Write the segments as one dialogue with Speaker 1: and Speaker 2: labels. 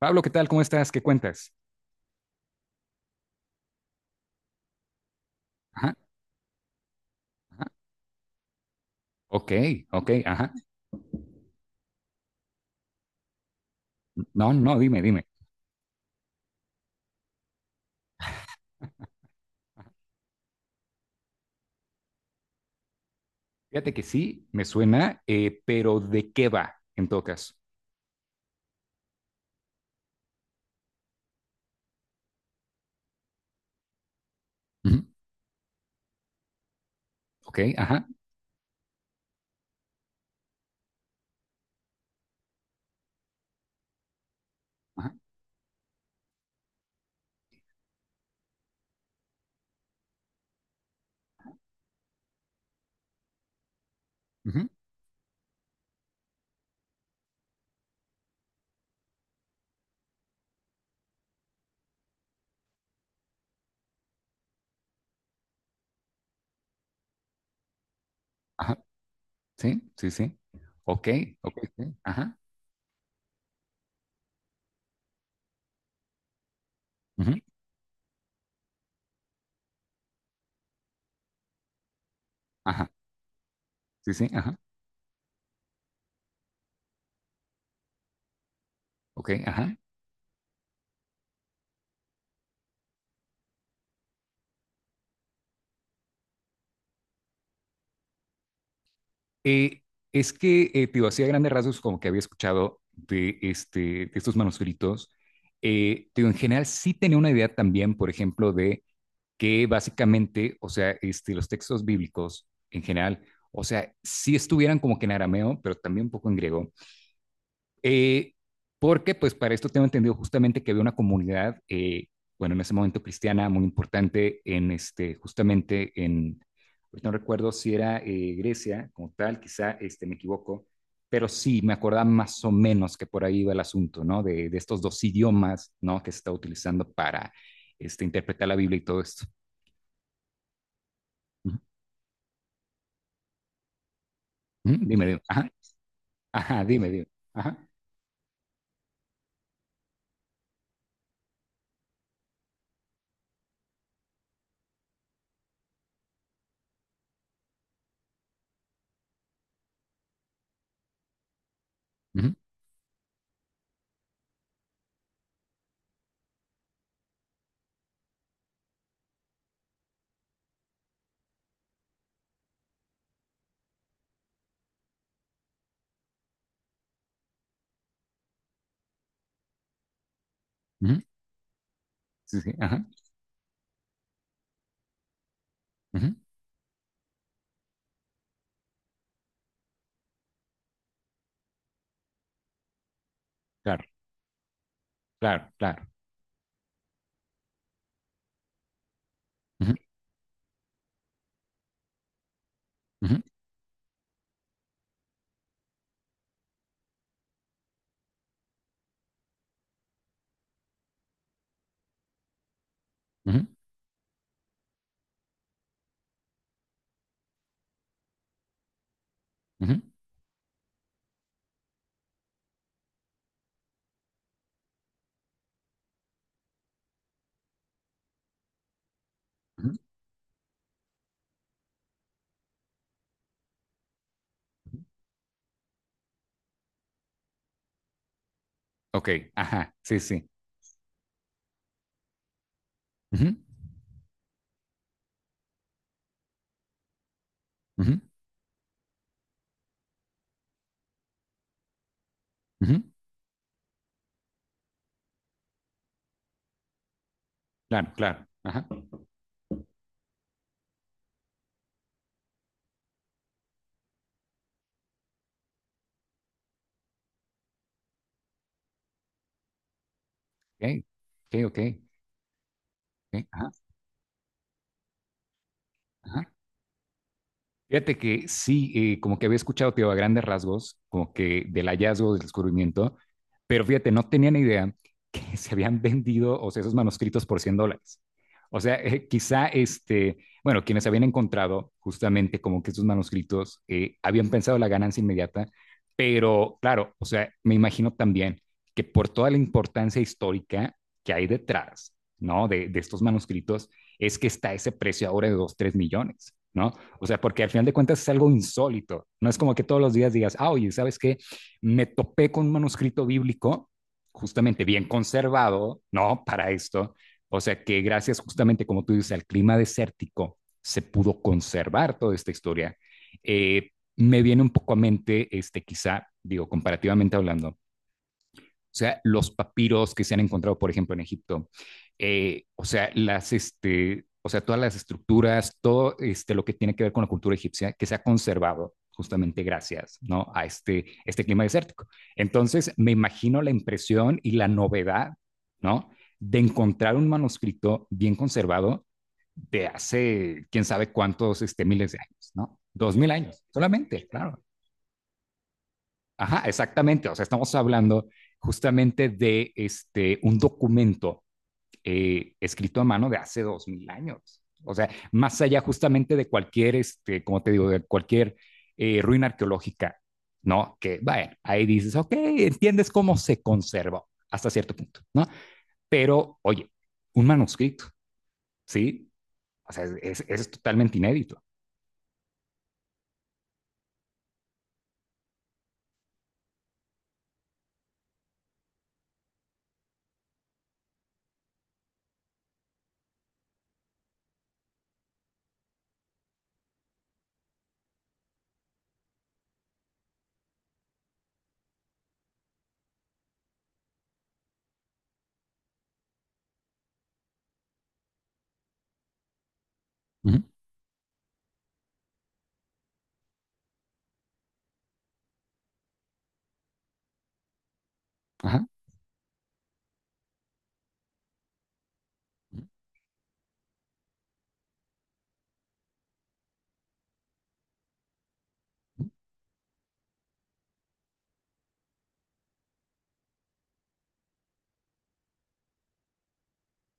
Speaker 1: Pablo, ¿qué tal? ¿Cómo estás? ¿Qué cuentas? Ajá, ajá. Ok, ok, ajá. No, no, dime, dime. Fíjate que sí, me suena, pero ¿de qué va en todo caso? Ujú, ok, ajá, ajá, ujú, ajá. Sí, sí, sí. Ok, ok, sí, ajá, ujú, ajá. Sí, sí, ajá. Ok, ajá. Eh, es que, te digo, así a grandes rasgos, como que había escuchado de, este, de estos manuscritos, te digo, en general sí tenía una idea también, por ejemplo, de que básicamente, o sea, este, los textos bíblicos en general, o sea, sí estuvieran como que en arameo, pero también un poco en griego, eh, porque pues para esto tengo entendido justamente que había una comunidad, bueno, en ese momento cristiana muy importante en este, justamente en, no recuerdo si era Grecia como tal, quizá este, me equivoco, pero sí me acordaba más o menos que por ahí iba el asunto, ¿no? De estos dos idiomas, ¿no? Que se está utilizando para este, interpretar la Biblia y todo esto. Dime, dime. Ajá, ajá, dime, dime. Ajá, ujú, ujú, sí, sí, ajá, ujú, claro, claro, claro, ujú, ujú, ujú, ujú, ujú, ok, ajá, sí, sí, ujú, ujú, ujú, claro, claro. Ajá. Ok, ok, ok, ok, ajá, ajá. Fíjate que sí, como que había escuchado, tío, a grandes rasgos, como que del hallazgo, del descubrimiento, pero fíjate, no tenía ni idea que se habían vendido, o sea, esos manuscritos por $100. O sea, quizá, este, bueno, quienes habían encontrado justamente como que esos manuscritos habían pensado la ganancia inmediata, pero claro, o sea, me imagino también que por toda la importancia histórica que hay detrás, ¿no? De estos manuscritos, es que está ese precio ahora de 2 3 millones, ¿no? O sea, porque al final de cuentas es algo insólito. No es como que todos los días digas, ah, oye, ¿sabes qué? Me topé con un manuscrito bíblico justamente bien conservado, ¿no? Para esto. O sea, que gracias justamente, como tú dices, al clima desértico se pudo conservar toda esta historia. Eh, me viene un poco a mente, este, quizá, digo, comparativamente hablando, o sea, los papiros que se han encontrado, por ejemplo, en Egipto. O sea, las, este, o sea, todas las estructuras, todo este, lo que tiene que ver con la cultura egipcia que se ha conservado justamente gracias, ¿no?, a este, este clima desértico. Entonces, me imagino la impresión y la novedad, ¿no?, de encontrar un manuscrito bien conservado de hace quién sabe cuántos este, miles de años, ¿no? 2000 años solamente, claro. Ajá, exactamente. O sea, estamos hablando justamente de este, un documento escrito a mano de hace 2000 años. O sea, más allá justamente de cualquier, este, como te digo, de cualquier ruina arqueológica, ¿no? Que, bueno, ahí dices, ok, entiendes cómo se conservó hasta cierto punto, ¿no? Pero, oye, un manuscrito, ¿sí? O sea, es, es totalmente inédito. Uh -huh. Ajá. Uh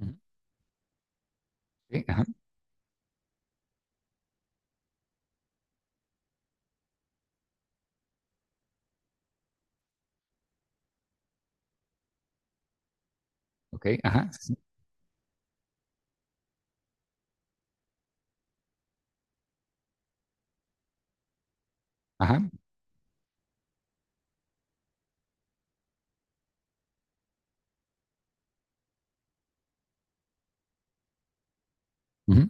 Speaker 1: -huh. Sí, ajá. Ok, ajá. Sí, sí. Ajá. Uh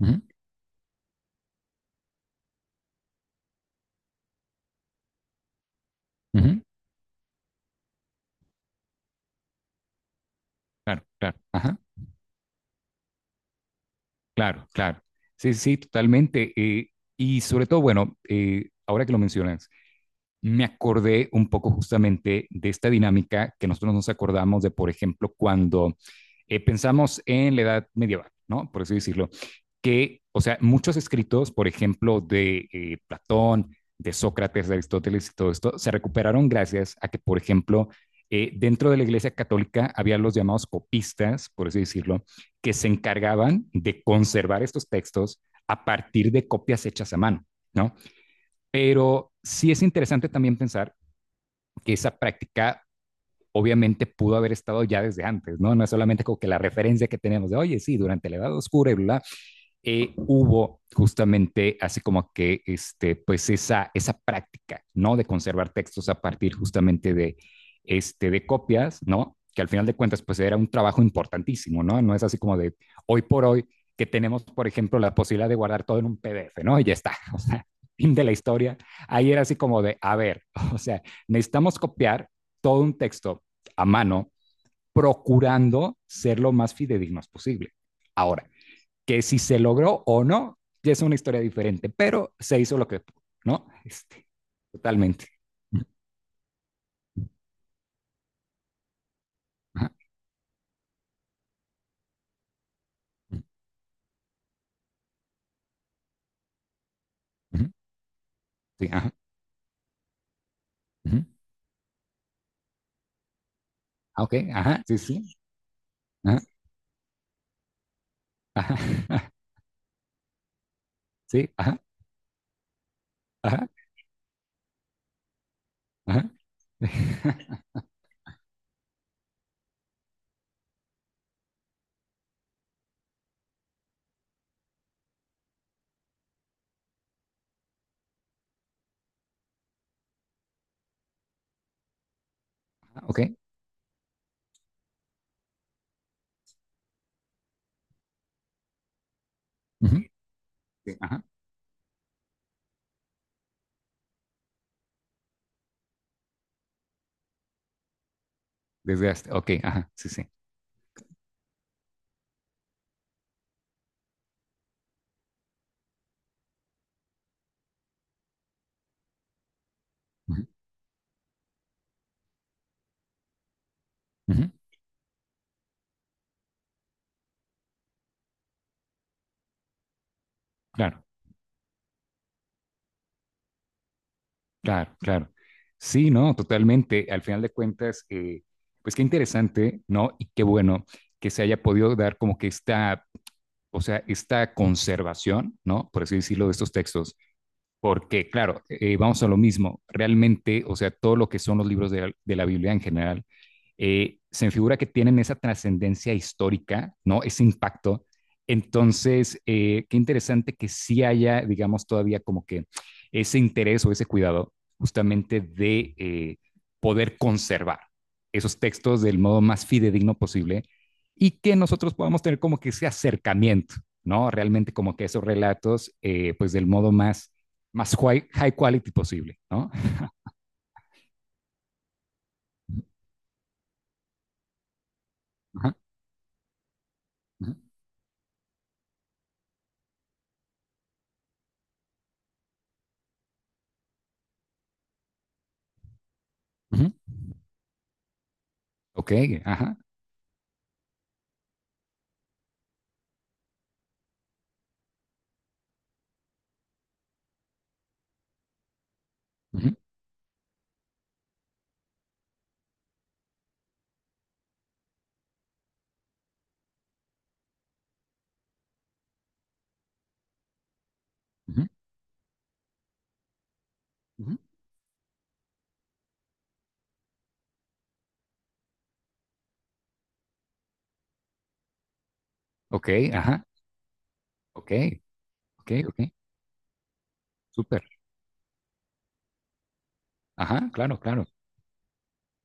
Speaker 1: -huh. Ujú, claro, claro, ajá, claro, claro. Sí, sí, sí, totalmente. Y sobre todo, bueno, ahora que lo mencionas, me acordé un poco justamente de esta dinámica que nosotros nos acordamos de, por ejemplo, cuando pensamos en la edad medieval, ¿no? Por así decirlo, que, o sea, muchos escritos, por ejemplo, de Platón, de Sócrates, de Aristóteles y todo esto, se recuperaron gracias a que, por ejemplo, dentro de la Iglesia Católica había los llamados copistas, por así decirlo, que se encargaban de conservar estos textos a partir de copias hechas a mano, ¿no? Pero sí es interesante también pensar que esa práctica obviamente pudo haber estado ya desde antes, ¿no? No es solamente como que la referencia que tenemos de, oye, sí, durante la Edad Oscura y bla, bla, hubo justamente así como que este, pues esa práctica, ¿no? De conservar textos a partir justamente de, este, de copias, ¿no? Que al final de cuentas, pues era un trabajo importantísimo, ¿no? No es así como de hoy por hoy que tenemos, por ejemplo, la posibilidad de guardar todo en un PDF, ¿no? Y ya está, o sea, fin de la historia. Ahí era así como de, a ver, o sea, necesitamos copiar todo un texto a mano, procurando ser lo más fidedignos posible. Ahora, que si se logró o no, ya es una historia diferente, pero se hizo lo que pudo, ¿no? Este, totalmente. Ajá. Sí, ajá. Ujú. Ah, ok, ajá, sí, sí. Ajá, ajá, sí, ajá, ajá, ajá. Ah, ok, ujú, sí, ajá. Desgaste, ok, ajá, sí, sí, ujú, ujú, claro, claro, claro. Sí, no, totalmente. Al final de cuentas, pues qué interesante, ¿no? Y qué bueno que se haya podido dar como que esta, o sea, esta conservación, ¿no? Por así decirlo, de estos textos, porque, claro, vamos a lo mismo, realmente, o sea, todo lo que son los libros de la Biblia en general, se me figura que tienen esa trascendencia histórica, ¿no? Ese impacto. Entonces, qué interesante que sí haya, digamos, todavía como que ese interés o ese cuidado justamente de poder conservar esos textos del modo más fidedigno posible y que nosotros podamos tener como que ese acercamiento, ¿no? Realmente como que esos relatos, pues del modo más high quality posible, ¿no? Ajá, ajá, ajá. Ok, ajá. Ajá, ajá. Ujú. Ok, ajá, ok, ok, ok, súper, ajá, claro, claro.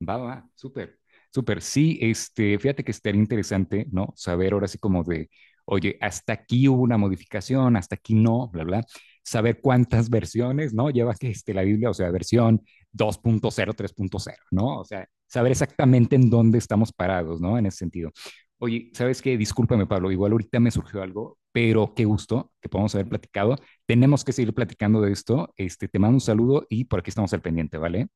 Speaker 1: Va, va, súper, súper. Sí, este, fíjate que estaría interesante, ¿no? Saber ahora sí como de, oye, hasta aquí hubo una modificación, hasta aquí no, bla, bla. Saber cuántas versiones, ¿no? Lleva que este, la Biblia, o sea, versión 2.0, 3.0, ¿no? O sea, saber exactamente en dónde estamos parados, ¿no? En ese sentido. Oye, ¿sabes qué? Discúlpame, Pablo, igual ahorita me surgió algo, pero qué gusto que podamos haber platicado. Tenemos que seguir platicando de esto. Este, te mando un saludo y por aquí estamos al pendiente, ¿vale?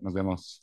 Speaker 1: Nos vemos.